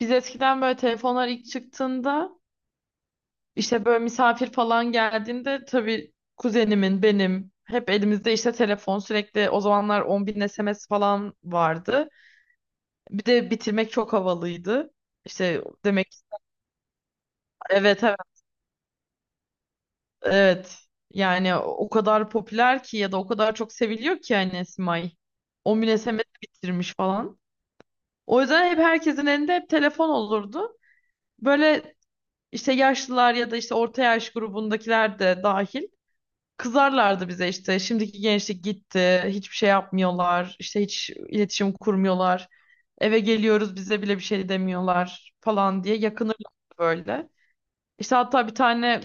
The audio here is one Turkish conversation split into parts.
Biz eskiden böyle telefonlar ilk çıktığında işte böyle misafir falan geldiğinde tabii kuzenimin benim hep elimizde işte telefon sürekli o zamanlar 10 bin SMS falan vardı. Bir de bitirmek çok havalıydı. İşte demek. Evet, evet, evet. Yani o kadar popüler ki ya da o kadar çok seviliyor ki yani Esmay. 10 bin SMS bitirmiş falan. O yüzden hep herkesin elinde hep telefon olurdu. Böyle işte yaşlılar ya da işte orta yaş grubundakiler de dahil. Kızarlardı bize işte şimdiki gençlik gitti, hiçbir şey yapmıyorlar, işte hiç iletişim kurmuyorlar. Eve geliyoruz bize bile bir şey demiyorlar falan diye yakınırlar böyle. İşte hatta bir tane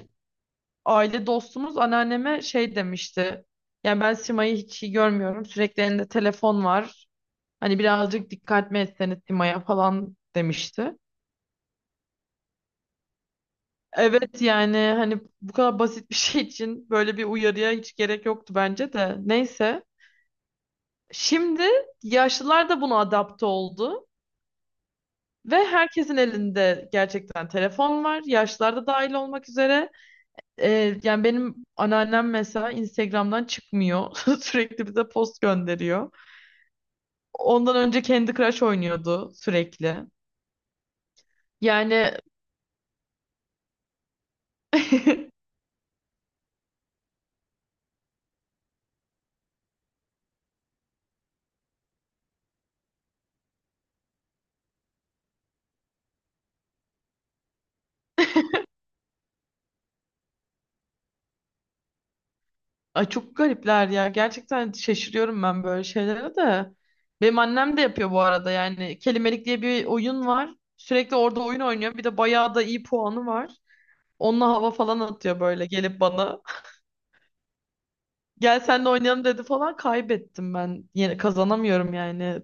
aile dostumuz anneanneme şey demişti. Yani ben Sima'yı hiç iyi görmüyorum. Sürekli elinde telefon var. Hani birazcık dikkat mi etseniz Sima'ya falan demişti. Evet yani hani bu kadar basit bir şey için böyle bir uyarıya hiç gerek yoktu bence de. Neyse. Şimdi yaşlılar da buna adapte oldu ve herkesin elinde gerçekten telefon var. Yaşlılar da dahil olmak üzere. Yani benim anneannem mesela Instagram'dan çıkmıyor. Sürekli bize post gönderiyor. Ondan önce Candy Crush oynuyordu sürekli. Yani ay çok garipler ya. Gerçekten şaşırıyorum ben böyle şeylere de. Benim annem de yapıyor bu arada. Yani Kelimelik diye bir oyun var. Sürekli orada oyun oynuyor. Bir de bayağı da iyi puanı var. Onunla hava falan atıyor böyle gelip bana. Gel senle oynayalım dedi falan kaybettim ben. Yine kazanamıyorum yani.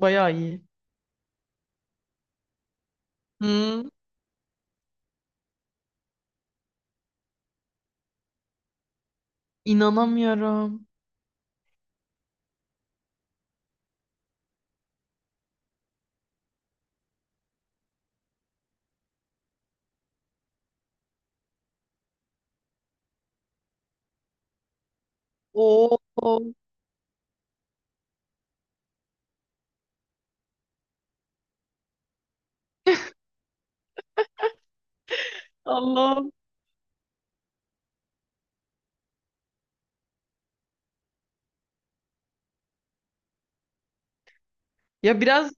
Bayağı iyi. Hı. inanamıyorum. Oo, Allah'ım. Ya biraz.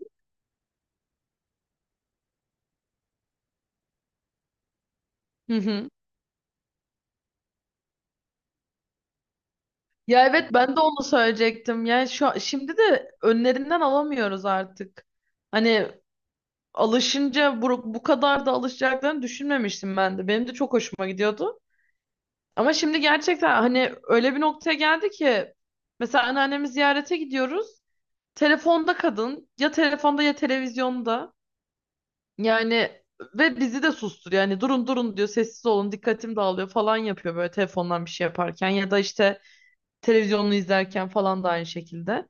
Hı hı. Ya evet ben de onu söyleyecektim. Yani şimdi de önlerinden alamıyoruz artık. Hani alışınca bu kadar da alışacaklarını düşünmemiştim ben de. Benim de çok hoşuma gidiyordu. Ama şimdi gerçekten hani öyle bir noktaya geldi ki mesela anneannemi ziyarete gidiyoruz. Telefonda kadın ya telefonda ya televizyonda. Yani ve bizi de susturuyor. Yani durun durun diyor sessiz olun dikkatim dağılıyor falan yapıyor böyle telefondan bir şey yaparken ya da işte televizyonunu izlerken falan da aynı şekilde.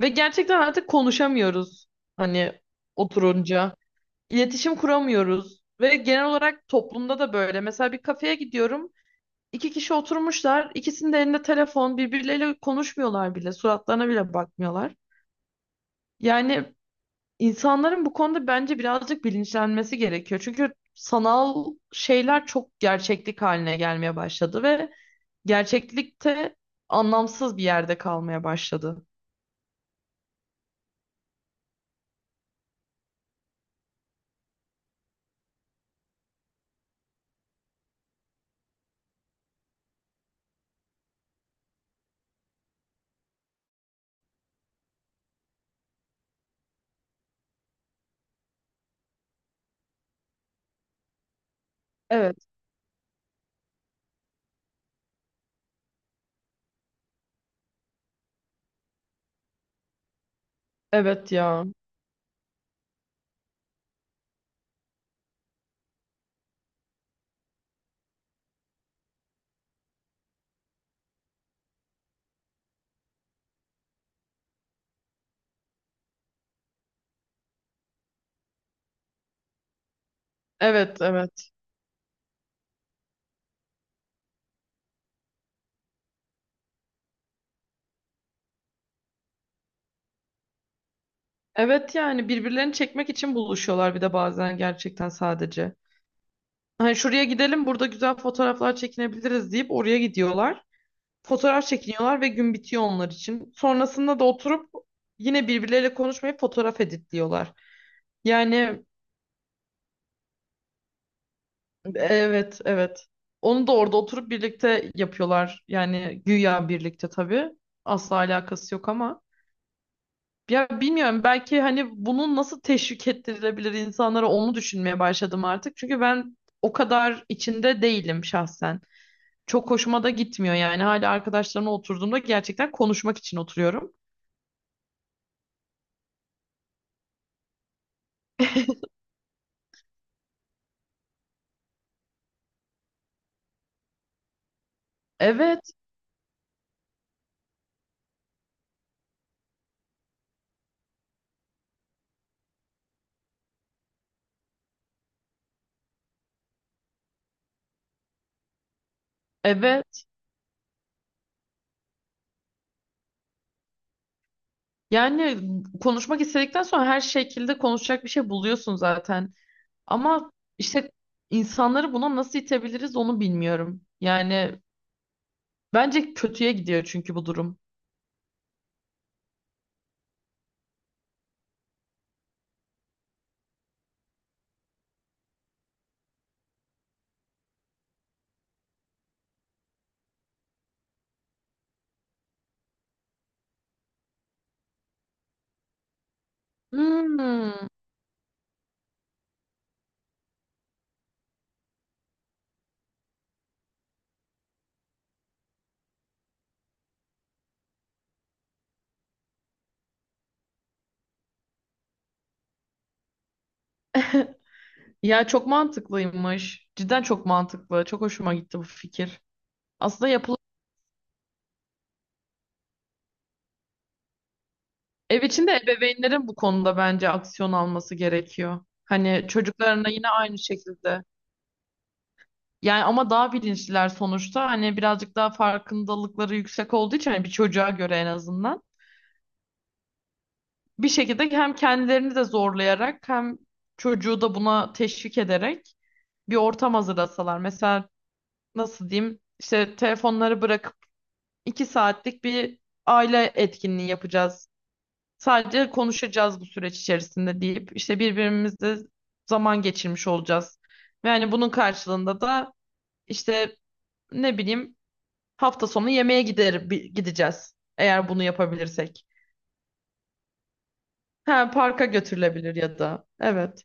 Ve gerçekten artık konuşamıyoruz hani oturunca. İletişim kuramıyoruz. Ve genel olarak toplumda da böyle. Mesela bir kafeye gidiyorum. İki kişi oturmuşlar. İkisinin de elinde telefon. Birbirleriyle konuşmuyorlar bile. Suratlarına bile bakmıyorlar. Yani insanların bu konuda bence birazcık bilinçlenmesi gerekiyor. Çünkü sanal şeyler çok gerçeklik haline gelmeye başladı ve gerçeklikte anlamsız bir yerde kalmaya başladı. Evet, evet ya. Evet, evet. Evet yani birbirlerini çekmek için buluşuyorlar bir de bazen gerçekten sadece. Hani şuraya gidelim burada güzel fotoğraflar çekinebiliriz deyip oraya gidiyorlar. Fotoğraf çekiniyorlar ve gün bitiyor onlar için. Sonrasında da oturup yine birbirleriyle konuşmayıp fotoğraf editliyorlar. Yani evet evet. Onu da orada oturup birlikte yapıyorlar. Yani güya birlikte tabii. Asla alakası yok ama. Ya bilmiyorum belki hani bunun nasıl teşvik ettirilebilir insanlara onu düşünmeye başladım artık. Çünkü ben o kadar içinde değilim şahsen. Çok hoşuma da gitmiyor yani. Hala arkadaşlarımla oturduğumda gerçekten konuşmak için oturuyorum. Evet, evet. Yani konuşmak istedikten sonra her şekilde konuşacak bir şey buluyorsun zaten. Ama işte insanları buna nasıl itebiliriz onu bilmiyorum. Yani bence kötüye gidiyor çünkü bu durum. Hmm. Ya çok mantıklıymış. Cidden çok mantıklı. Çok hoşuma gitti bu fikir. Aslında yapılan ev içinde ebeveynlerin bu konuda bence aksiyon alması gerekiyor. Hani çocuklarına yine aynı şekilde. Yani ama daha bilinçliler sonuçta. Hani birazcık daha farkındalıkları yüksek olduğu için hani bir çocuğa göre en azından. Bir şekilde hem kendilerini de zorlayarak hem çocuğu da buna teşvik ederek bir ortam hazırlasalar. Mesela nasıl diyeyim işte telefonları bırakıp 2 saatlik bir aile etkinliği yapacağız. Sadece konuşacağız bu süreç içerisinde deyip işte birbirimizle zaman geçirmiş olacağız. Yani bunun karşılığında da işte ne bileyim hafta sonu yemeğe gideceğiz. Eğer bunu yapabilirsek. Ha, parka götürülebilir ya da. Evet.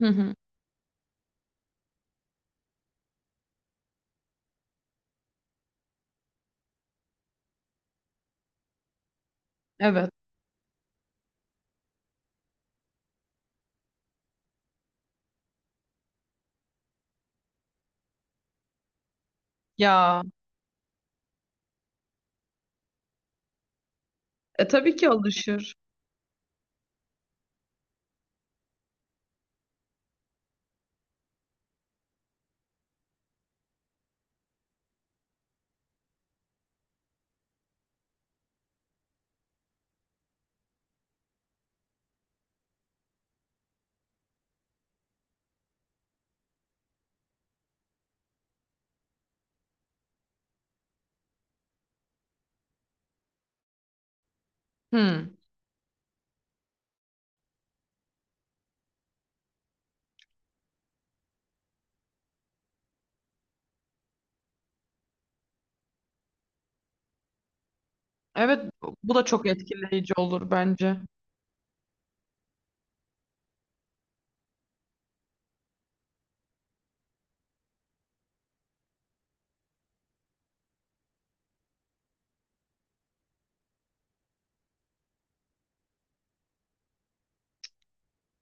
Hı hı. Evet. Ya, tabii ki alışır. Hı. Evet, bu da çok etkileyici olur bence.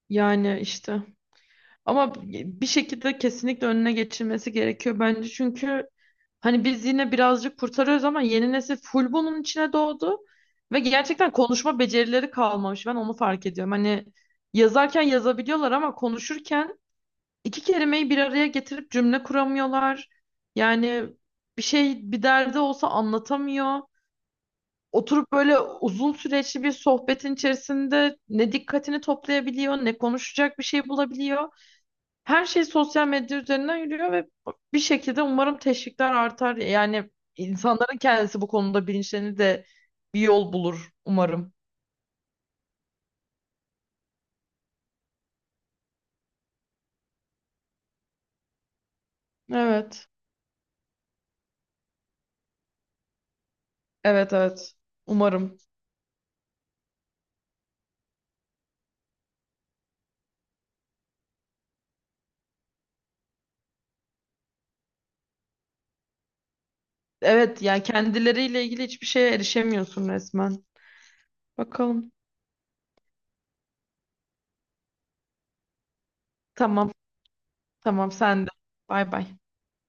Yani işte. Ama bir şekilde kesinlikle önüne geçilmesi gerekiyor bence. Çünkü hani biz yine birazcık kurtarıyoruz ama yeni nesil full bunun içine doğdu. Ve gerçekten konuşma becerileri kalmamış. Ben onu fark ediyorum. Hani yazarken yazabiliyorlar ama konuşurken iki kelimeyi bir araya getirip cümle kuramıyorlar. Yani bir şey bir derdi olsa anlatamıyor. Oturup böyle uzun süreçli bir sohbetin içerisinde ne dikkatini toplayabiliyor, ne konuşacak bir şey bulabiliyor. Her şey sosyal medya üzerinden yürüyor ve bir şekilde umarım teşvikler artar. Yani insanların kendisi bu konuda bilinçlerini de bir yol bulur umarım. Evet. Evet evet. Umarım. Evet yani kendileriyle ilgili hiçbir şeye erişemiyorsun resmen. Bakalım. Tamam. Tamam sen de. Bay bay.